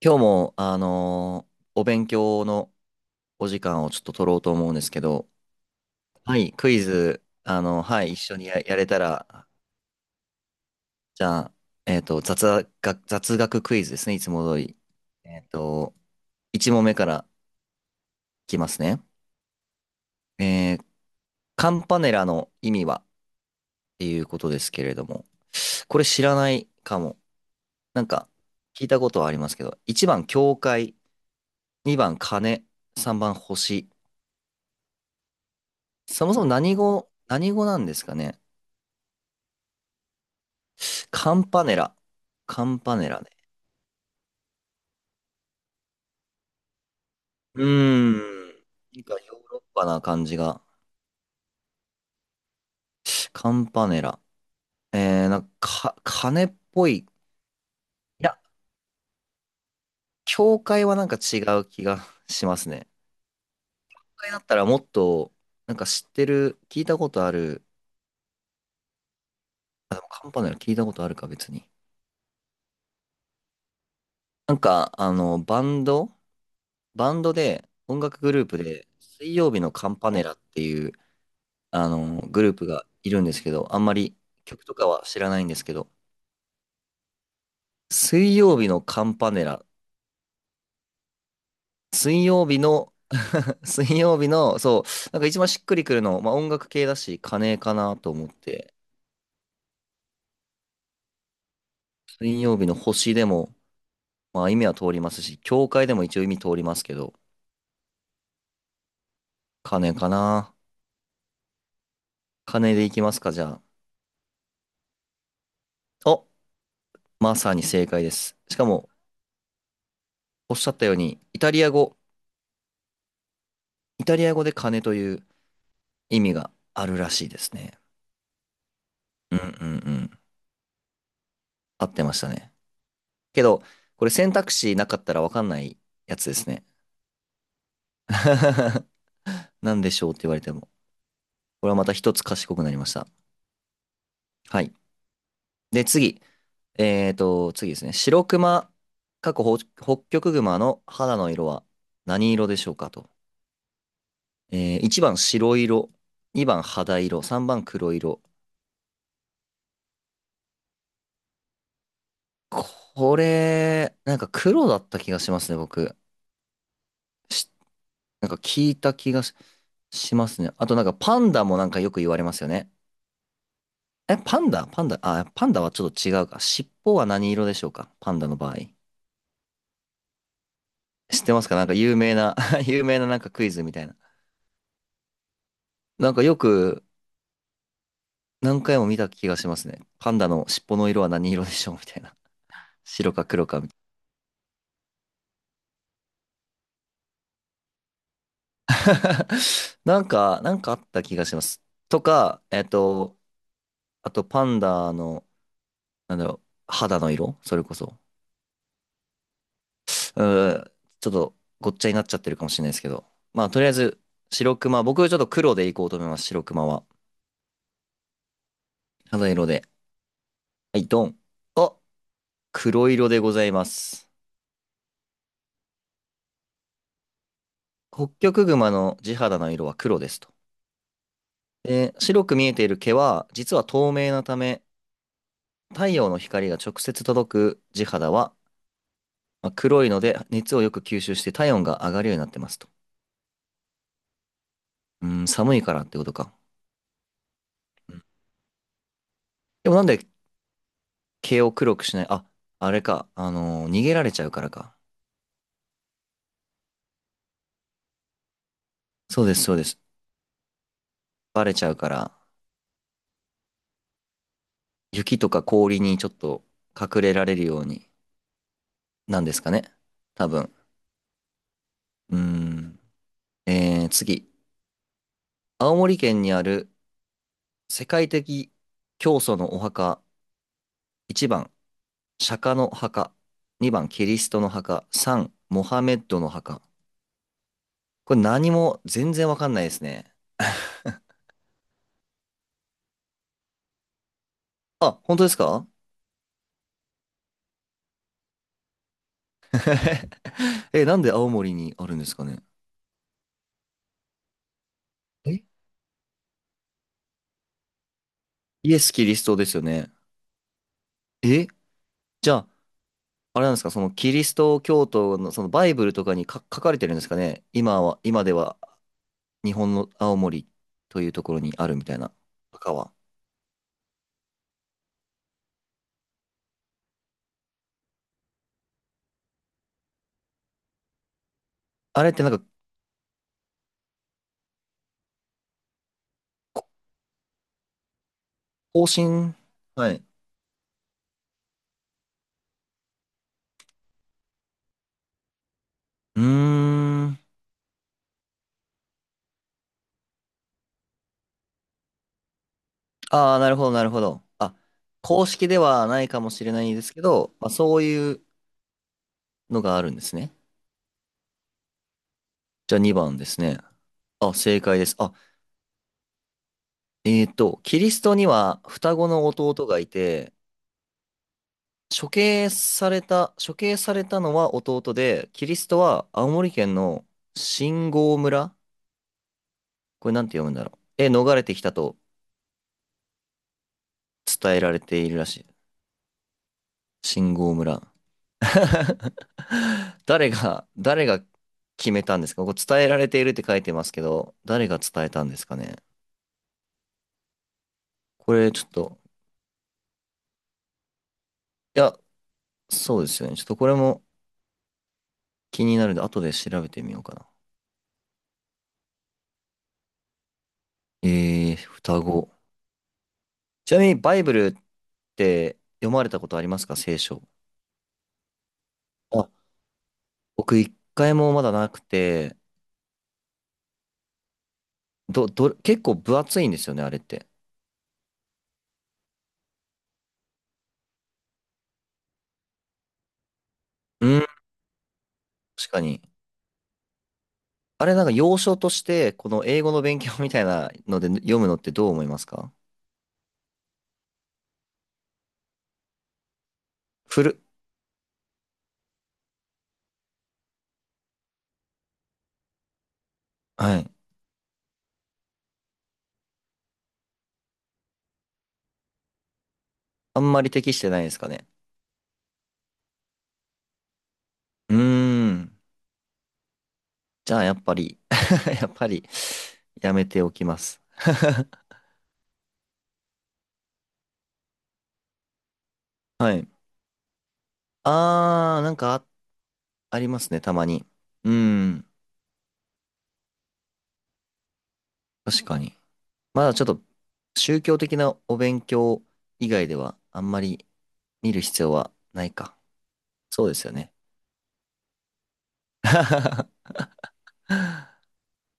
今日も、お勉強のお時間をちょっと取ろうと思うんですけど、はい、クイズ、はい、一緒にや、やれたら、じゃあ、雑学クイズですね、いつも通り。えっと、1問目からいきますね。えーカンパネラの意味はっていうことですけれども、これ知らないかも。なんか、聞いたことはありますけど、1番、教会、2番、鐘、3番、星。そもそも何語なんですかね、カンパネラ。カンパネラね。うーん。なんかヨーロッパな感じが。カンパネラ。なんか、鐘っぽい。いや、教会はなんか違う気がしますね。教会だったらもっと、なんか知ってる、聞いたことある。あ、でもカンパネラ聞いたことあるか、別に。なんか、あの、バンドで、音楽グループで、水曜日のカンパネラっていう、あの、グループがいるんですけど、あんまり曲とかは知らないんですけど、水曜日のカンパネラ。水曜日の、水曜日の、そう、なんか一番しっくりくるの、まあ音楽系だし、金かなと思って、水曜日の星でも、まあ意味は通りますし、教会でも一応意味通りますけど、金かな。金でいきますか、じゃあ。お、まさに正解です。しかも、おっしゃったように、イタリア語で金という意味があるらしいですね。うんうんうん。合ってましたね。けど、これ選択肢なかったらわかんないやつですね。なんでしょうって言われても。これはまた一つ賢くなりました。はい。で、次。次ですね。白熊、過去北極熊の肌の色は何色でしょうかと。1番白色、2番肌色、3番黒色。これ、なんか黒だった気がしますね、僕。しなんか聞いた気がし、しますね。あとなんかパンダもなんかよく言われますよね。え、パンダパンダあ、パンダはちょっと違うか。尻尾は何色でしょうか、パンダの場合。知ってますか、なんか有名な。 有名ななんかクイズみたいな。なんかよく何回も見た気がしますね。パンダの尻尾の色は何色でしょうみたいな。白か黒かみたいな。なんかあった気がします。とか、えっと、あとパンダの、なんだろう、肌の色それこそ。うーちょっとごっちゃになっちゃってるかもしれないですけど。まあ、とりあえず、白熊。僕ちょっと黒でいこうと思います。白熊は。肌色で。はい、ドン。あ、黒色でございます。ホッキョクグマの地肌の色は黒ですと。で、白く見えている毛は実は透明なため、太陽の光が直接届く地肌は、まあ黒いので熱をよく吸収して体温が上がるようになってますと。うん、寒いからってことか。うん、でもなんで毛を黒くしない、あ、あれか。逃げられちゃうからか。そうです、そうです。バレちゃうから、雪とか氷にちょっと隠れられるようになんですかね。多分。うーん。えー、次。青森県にある世界的教祖のお墓、1番、釈迦の墓、2番、キリストの墓、3、モハメッドの墓。これ何も全然わかんないですね。あ、本当ですか？ え、なんで青森にあるんですかね。え、イエス・キリストですよね。え、じゃあ、あれなんですか、そのキリスト教徒のそのバイブルとかにか書かれてるんですかね。今では日本の青森というところにあるみたいな、墓は。あれってなんか、こ、更新、はい。うーん。ああ、なるほど、なるほど。あ、公式ではないかもしれないですけど、まあ、そういうのがあるんですね。じゃあ2番ですね。あ、正解です。あ、えっと、キリストには双子の弟がいて、処刑されたのは弟で、キリストは青森県の新郷村、これなんて読むんだろう。え、逃れてきたと伝えられているらしい。新郷村。誰が決めたんですか、ここ伝えられているって書いてますけど、誰が伝えたんですかね。これちょっと、いや、そうですよね。ちょっとこれも気になるんで、後で調べてみようかな。えー、双子。ちなみにバイブルって読まれたことありますか、聖書。あ、僕一回もまだなくて、結構分厚いんですよね、あれって。うん、確かに。あれなんか要所として、この英語の勉強みたいなので読むのってどう思いますか？フル、はい。あんまり適してないですかね。うーん。じゃあ、やっぱり、 やっぱり、やめておきます。はい。あー、なんかあ、ありますね、たまに。うーん。確かに。まだちょっと、宗教的なお勉強以外では、あんまり見る必要はないか。そうですよね。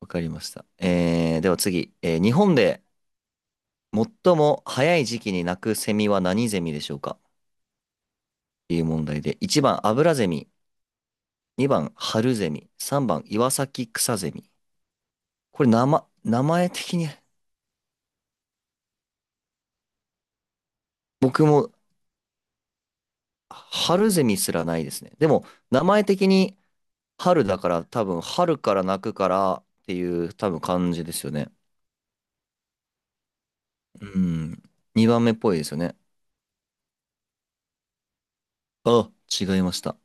わかりました。えー、では次。えー、日本で最も早い時期に鳴くセミは何ゼミでしょうかっていう問題で。一番、アブラゼミ。2番、春ゼミ。3番、岩崎草ゼミ。これ名前的に、僕も春ゼミすらないですね。でも、名前的に春だから、多分、春から泣くからっていう多分感じですよね。うん。2番目っぽいですよね。あ、違いました。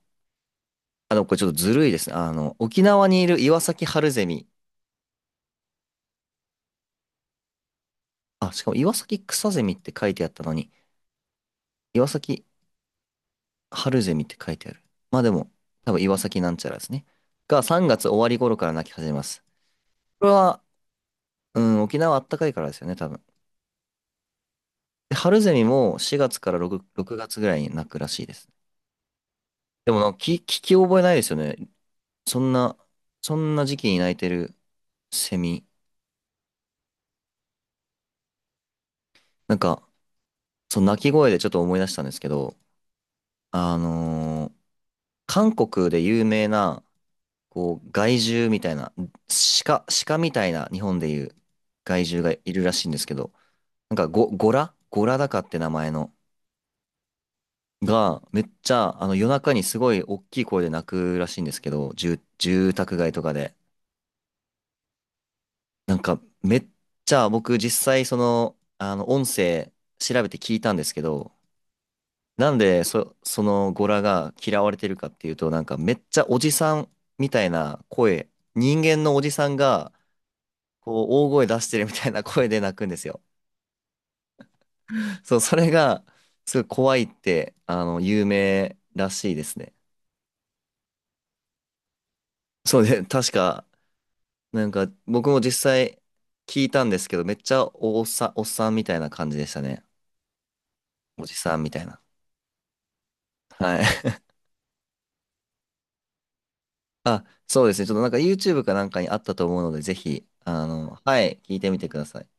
あの、でもこれちょっとずるいですね。あの、沖縄にいる岩崎春ゼミ。あ、しかも岩崎草ゼミって書いてあったのに、岩崎春ゼミって書いてある。まあでも、多分岩崎なんちゃらですね。が3月終わり頃から泣き始めます。これは、うん、沖縄あったかいからですよね、多分。で春ゼミも4月から6月ぐらいに泣くらしいです。でもなんか聞き覚えないですよね。そんな、そんな時期に泣いてるセミ。なんか、その鳴き声でちょっと思い出したんですけど、あのー韓国で有名な、こう、害獣みたいな、鹿みたいな日本でいう害獣がいるらしいんですけど、なんか、ゴラゴラダカって名前の。が、めっちゃ、あの、夜中にすごい大きい声で泣くらしいんですけど、住宅街とかで。なんか、めっちゃ、僕実際その、あの、音声調べて聞いたんですけど、なんで、そのゴラが嫌われてるかっていうと、なんか、めっちゃおじさんみたいな声、人間のおじさんが、こう、大声出してるみたいな声で泣くんですよ。そう、それが、すごい怖いって、あの、有名らしいですね。そうで、確か、なんか僕も実際聞いたんですけど、めっちゃおっさん、おっさんみたいな感じでしたね。おじさんみたいな。はい。あ、そうですね。ちょっとなんか YouTube かなんかにあったと思うので、ぜひ、あの、はい、聞いてみてください。